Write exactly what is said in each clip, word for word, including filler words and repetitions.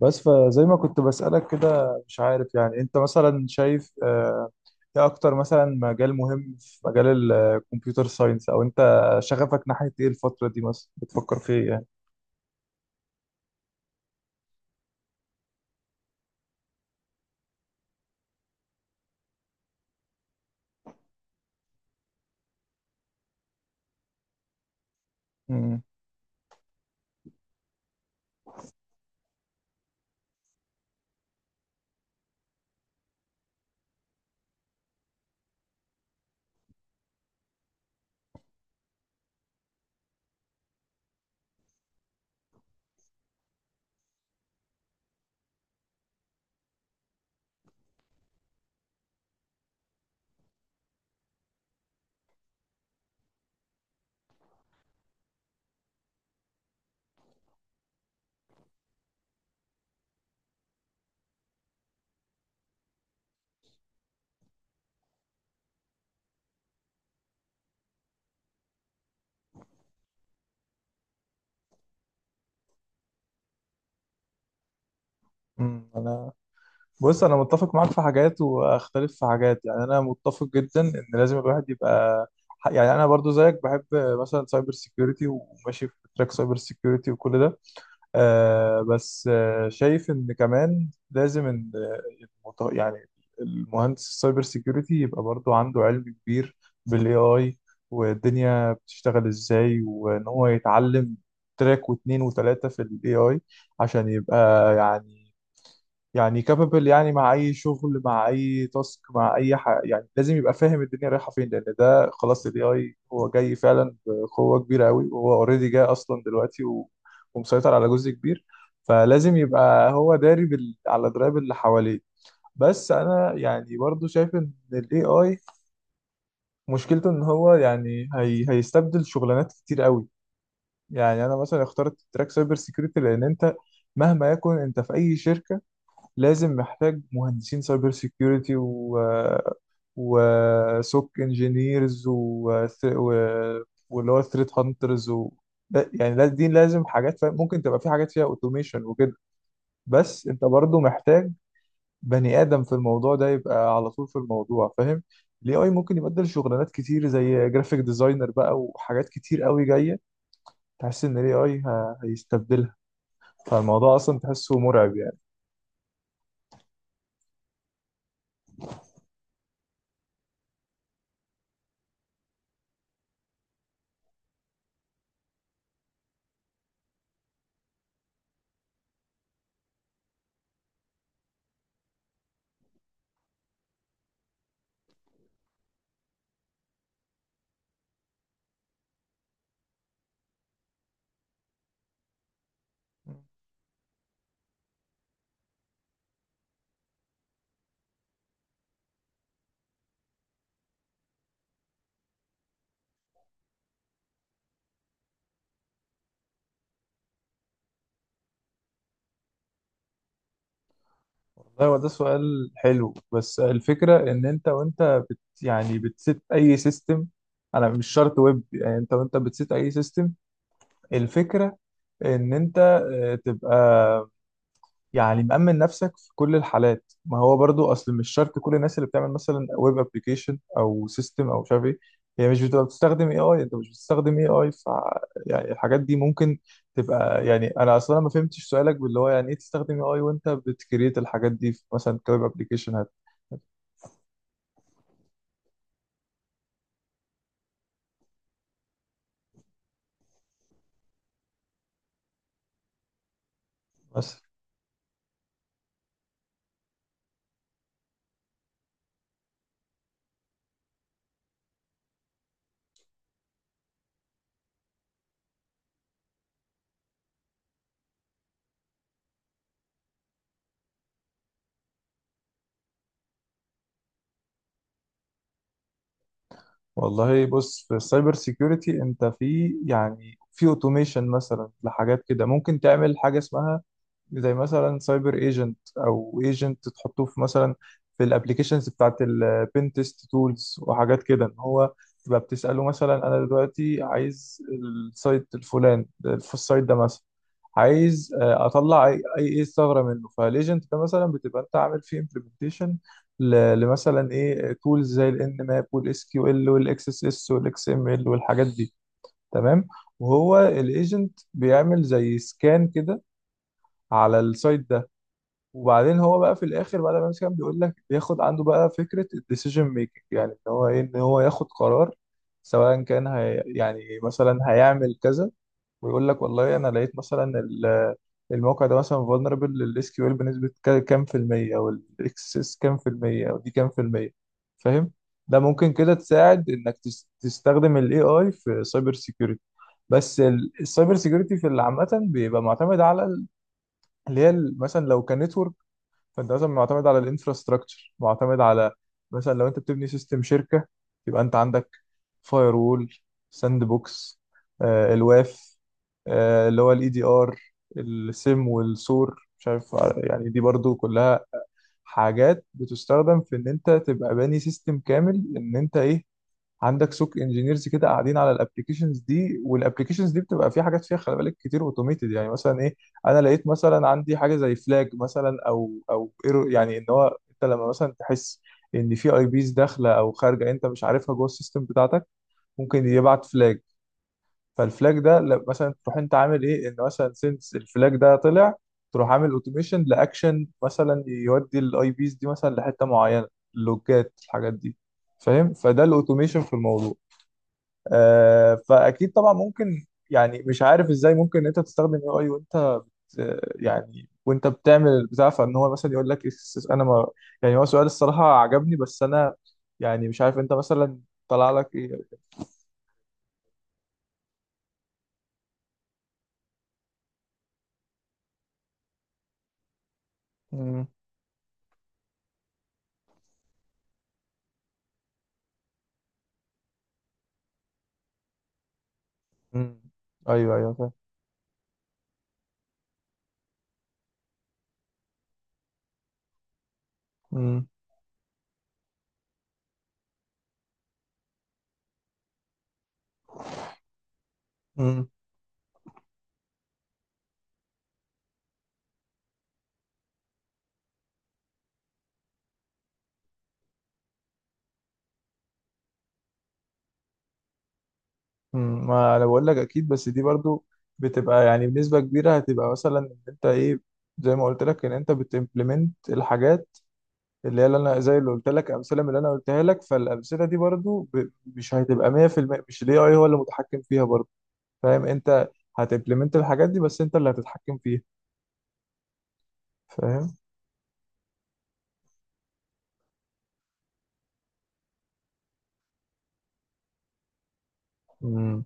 بس فزي ما كنت بسألك كده مش عارف يعني انت مثلا شايف آه، ايه اكتر مثلا مجال مهم في مجال الكمبيوتر ساينس او انت شغفك ناحية ايه الفترة دي مثلا بتفكر في ايه يعني. مم. مم. انا بص انا متفق معاك في حاجات واختلف في حاجات، يعني انا متفق جدا ان لازم الواحد يبقى يعني، انا برضو زيك بحب مثلا سايبر سيكيورتي وماشي في تراك سايبر سيكيورتي وكل ده. آه بس آه شايف ان كمان لازم ان آه، المط- يعني المهندس السايبر سيكيورتي يبقى برضو عنده علم كبير بالاي اي والدنيا بتشتغل ازاي، وان هو يتعلم تراك واتنين وتلاتة في الاي اي عشان يبقى يعني يعني كابابل، يعني مع اي شغل مع اي تاسك مع اي ح... يعني لازم يبقى فاهم الدنيا رايحه فين، لان ده خلاص الاي اي هو جاي فعلا بقوه كبيره قوي، وهو اوريدي جاي اصلا دلوقتي و... ومسيطر على جزء كبير. فلازم يبقى هو داري بال... على درايب اللي حواليه. بس انا يعني برضو شايف ان الاي اي مشكلته ان هو يعني هي... هيستبدل شغلانات كتير قوي. يعني انا مثلا اخترت تراك سايبر سيكيورتي لان انت مهما يكن انت في اي شركه لازم محتاج مهندسين سايبر سيكيورتي و وسوك انجينيرز و... th- و... واللي هو ثريت هانترز و... لا- يعني لا- دي لازم حاجات، فاهم؟ ممكن تبقى في حاجات فيها اوتوميشن وكده، بس انت برضو محتاج بني ادم في الموضوع ده يبقى على طول في الموضوع، فاهم؟ الاي اي ممكن يبدل شغلانات كتير زي جرافيك ديزاينر بقى، وحاجات كتير قوي جايه تحس ان الاي اي هيستبدلها، فالموضوع اصلا تحسه مرعب. يعني والله هو ده سؤال حلو، بس الفكرة إن أنت وأنت بت يعني بتسيت أي سيستم، أنا مش شرط ويب، يعني أنت وأنت بتسيت أي سيستم، الفكرة إن أنت آه، تبقى يعني مأمن نفسك في كل الحالات. ما هو برضو اصل مش شرط كل الناس اللي بتعمل مثلا ويب ابلكيشن او سيستم او مش عارف ايه، هي مش بتبقى بتستخدم اي اي، انت مش بتستخدم اي اي، ف يعني الحاجات دي ممكن تبقى، يعني انا اصلا ما فهمتش سؤالك باللي هو يعني ايه تستخدم اي اي وانت بتكريت الحاجات دي في مثلا كويب ابلكيشن هات. بس والله بص، في السايبر سيكيورتي انت في يعني في اوتوميشن مثلا لحاجات كده، ممكن تعمل حاجه اسمها زي مثلا سايبر ايجنت او ايجنت تحطوه في مثلا في الابلكيشنز بتاعت البين تيست تولز وحاجات كده، ان هو تبقى بتساله مثلا انا دلوقتي عايز السايت الفلان، في السايت ده مثلا عايز آه، اطلع اي اي إيه ثغره منه. فالايجنت ده مثلا بتبقى انت عامل فيه implementation ل- لمثلا ايه تولز زي الان ماب والاس كيو ال والاكس اس اس والاكس ام ال والحاجات دي، تمام؟ وهو الايجنت بيعمل زي سكان كده على السايت ده، وبعدين هو بقى في الاخر بعد ما يعمل سكان بيقول لك، بياخد عنده بقى فكره الديسيجن ميكنج، يعني ان هو ايه، ان هو ياخد قرار سواء كان هي يعني مثلا هيعمل كذا، ويقول لك والله انا لقيت مثلا ال- الموقع ده مثلا فولنربل للاس كيو ال بنسبه ك- كام في الميه، او الاكسس كام في الميه، او دي كام في الميه، فاهم؟ ده ممكن كده تساعد انك تس- تستخدم الاي اي في سايبر سيكيورتي. بس ال- السايبر سيكيورتي في اللي عامه بيبقى معتمد على ال- اللي هي ال- مثلا لو كان network، فانت مثلا معتمد على الانفراستراكشر، معتمد على مثلا لو انت بتبني سيستم شركه، يبقى انت عندك فاير وول، ساند بوكس، آه الواف، آه اللي هو الاي دي ار، السيم والسور، مش عارف آه، يعني دي برضو كلها حاجات بتستخدم في ان انت تبقى باني سيستم كامل، ان انت ايه عندك سوق انجينيرز كده قاعدين على الابلكيشنز دي، والابلكيشنز دي بتبقى في حاجات فيها خلي بالك كتير اوتوميتد، يعني مثلا ايه، انا لقيت مثلا عندي حاجه زي فلاج مثلا او او ايرور، يعني ان هو انت لما مثلا تحس ان في اي بيز داخله او خارجه انت مش عارفها جوه السيستم بتاعتك، ممكن يبعت فلاج. فالفلاج ده لا- مثلا تروح انت عامل ايه، ان مثلا سنس الفلاج ده طلع، تروح عامل اوتوميشن لاكشن مثلا يودي الاي بيز دي مثلا لحته معينه، اللوجات الحاجات دي، فاهم؟ فده الاوتوميشن في الموضوع. آه، فاكيد طبعا ممكن، يعني مش عارف ازاي ممكن ان انت تستخدم اي اي وانت بت- يعني وانت بتعمل البتاع، فان هو مثلا يقول لك إس- انا ما، يعني هو سؤال الصراحه عجبني، بس انا يعني مش عارف انت مثلا طلع لك ايه. مم. مم. ايوه، ايوه، فاهم. مم. مم. مم. ما انا بقول لك اكيد، بس دي برضو بتبقى يعني بنسبه كبيره هتبقى مثلا ان انت ايه، زي ما قلت لك ان انت بتمبلمنت الحاجات اللي هي اللي انا زي اللي قلت لك الامثله، من اللي انا قلتها لك فالامثله دي برضو ب- مش هتبقى مية في المية، مش الاي اي هو اللي متحكم فيها برضو، فاهم انت؟ هتمبلمنت الحاجات دي بس انت اللي هتتحكم فيها، فاهم. امم.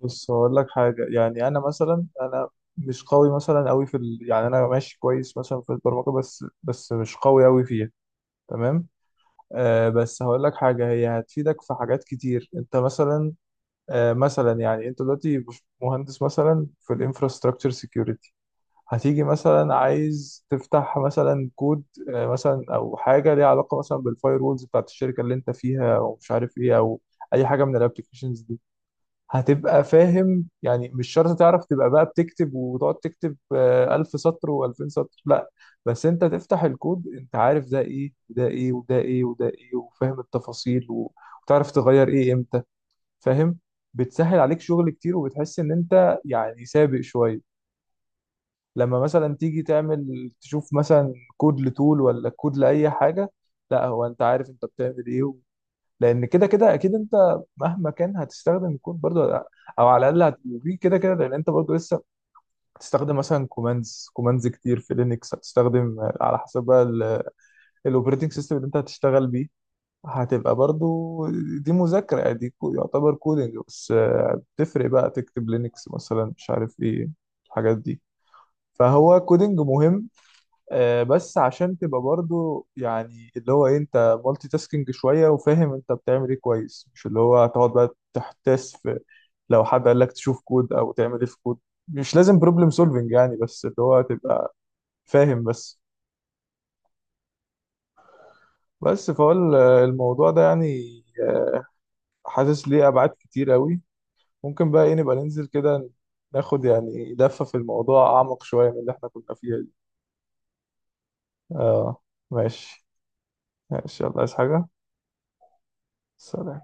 بص هقول لك حاجه، يعني انا مثلا انا مش قوي مثلا قوي في ال... يعني انا ماشي كويس مثلا في البرمجه، بس بس مش قوي قوي فيها، تمام؟ آه بس هقول لك حاجه هي هتفيدك في حاجات كتير. انت مثلا، آه مثلا يعني انت دلوقتي مش- مهندس مثلا في الانفراستراكشر سيكيورتي، هتيجي مثلا عايز تفتح مثلا كود، آه، مثلا او حاجه ليها علاقه مثلا بالفاير وولز بتاعت الشركه اللي انت فيها، او مش عارف ايه، او اي حاجه من الابلكيشنز دي، هتبقى فاهم. يعني مش شرط تعرف تبقى بقى بتكتب وتقعد تكتب آه، ألف سطر و2000 سطر، لا، بس انت تفتح الكود انت عارف ده ايه وده ايه وده ايه وده ايه، وفاهم التفاصيل و- وتعرف تغير ايه امتى، فاهم؟ بتسهل عليك شغل كتير، وبتحس ان انت يعني سابق شويه لما مثلا تيجي تعمل تشوف مثلا كود لتول ولا كود لأي حاجة، لا، هو انت عارف انت بتعمل ايه و... لان كده كده اكيد انت مهما كان هتستخدم الكود برضه، او على الاقل هتبقى كده كده، لان انت برضه لسه هتستخدم مثلا كوماندز كوماندز كتير في لينكس، هتستخدم على حسب بقى الاوبريتنج سيستم اللي انت هتشتغل بيه، هتبقى برضه دي مذاكرة، يعني دي كو- يعتبر كودنج. بس آه، بتفرق بقى تكتب لينكس مثلا مش عارف ايه الحاجات دي. فهو كودنج مهم، آه، بس عشان تبقى برضو يعني اللي هو إيه، انت مالتي تاسكينج شويه، وفاهم انت بتعمل ايه كويس، مش اللي هو هتقعد بقى تحتاس في لو حد قال لك تشوف كود او تعمل ايه في كود، مش لازم بروبلم سولفنج يعني، بس اللي هو تبقى فاهم بس. بس فهو ال- الموضوع ده يعني، آه، حاسس ليه ابعاد كتير قوي. ممكن بقى ايه نبقى ننزل كده، ناخد يعني لفه في الموضوع اعمق شويه من اللي احنا كنا فيها دي. اه، ماشي. ماشي، يلا، عايز حاجه؟ سلام.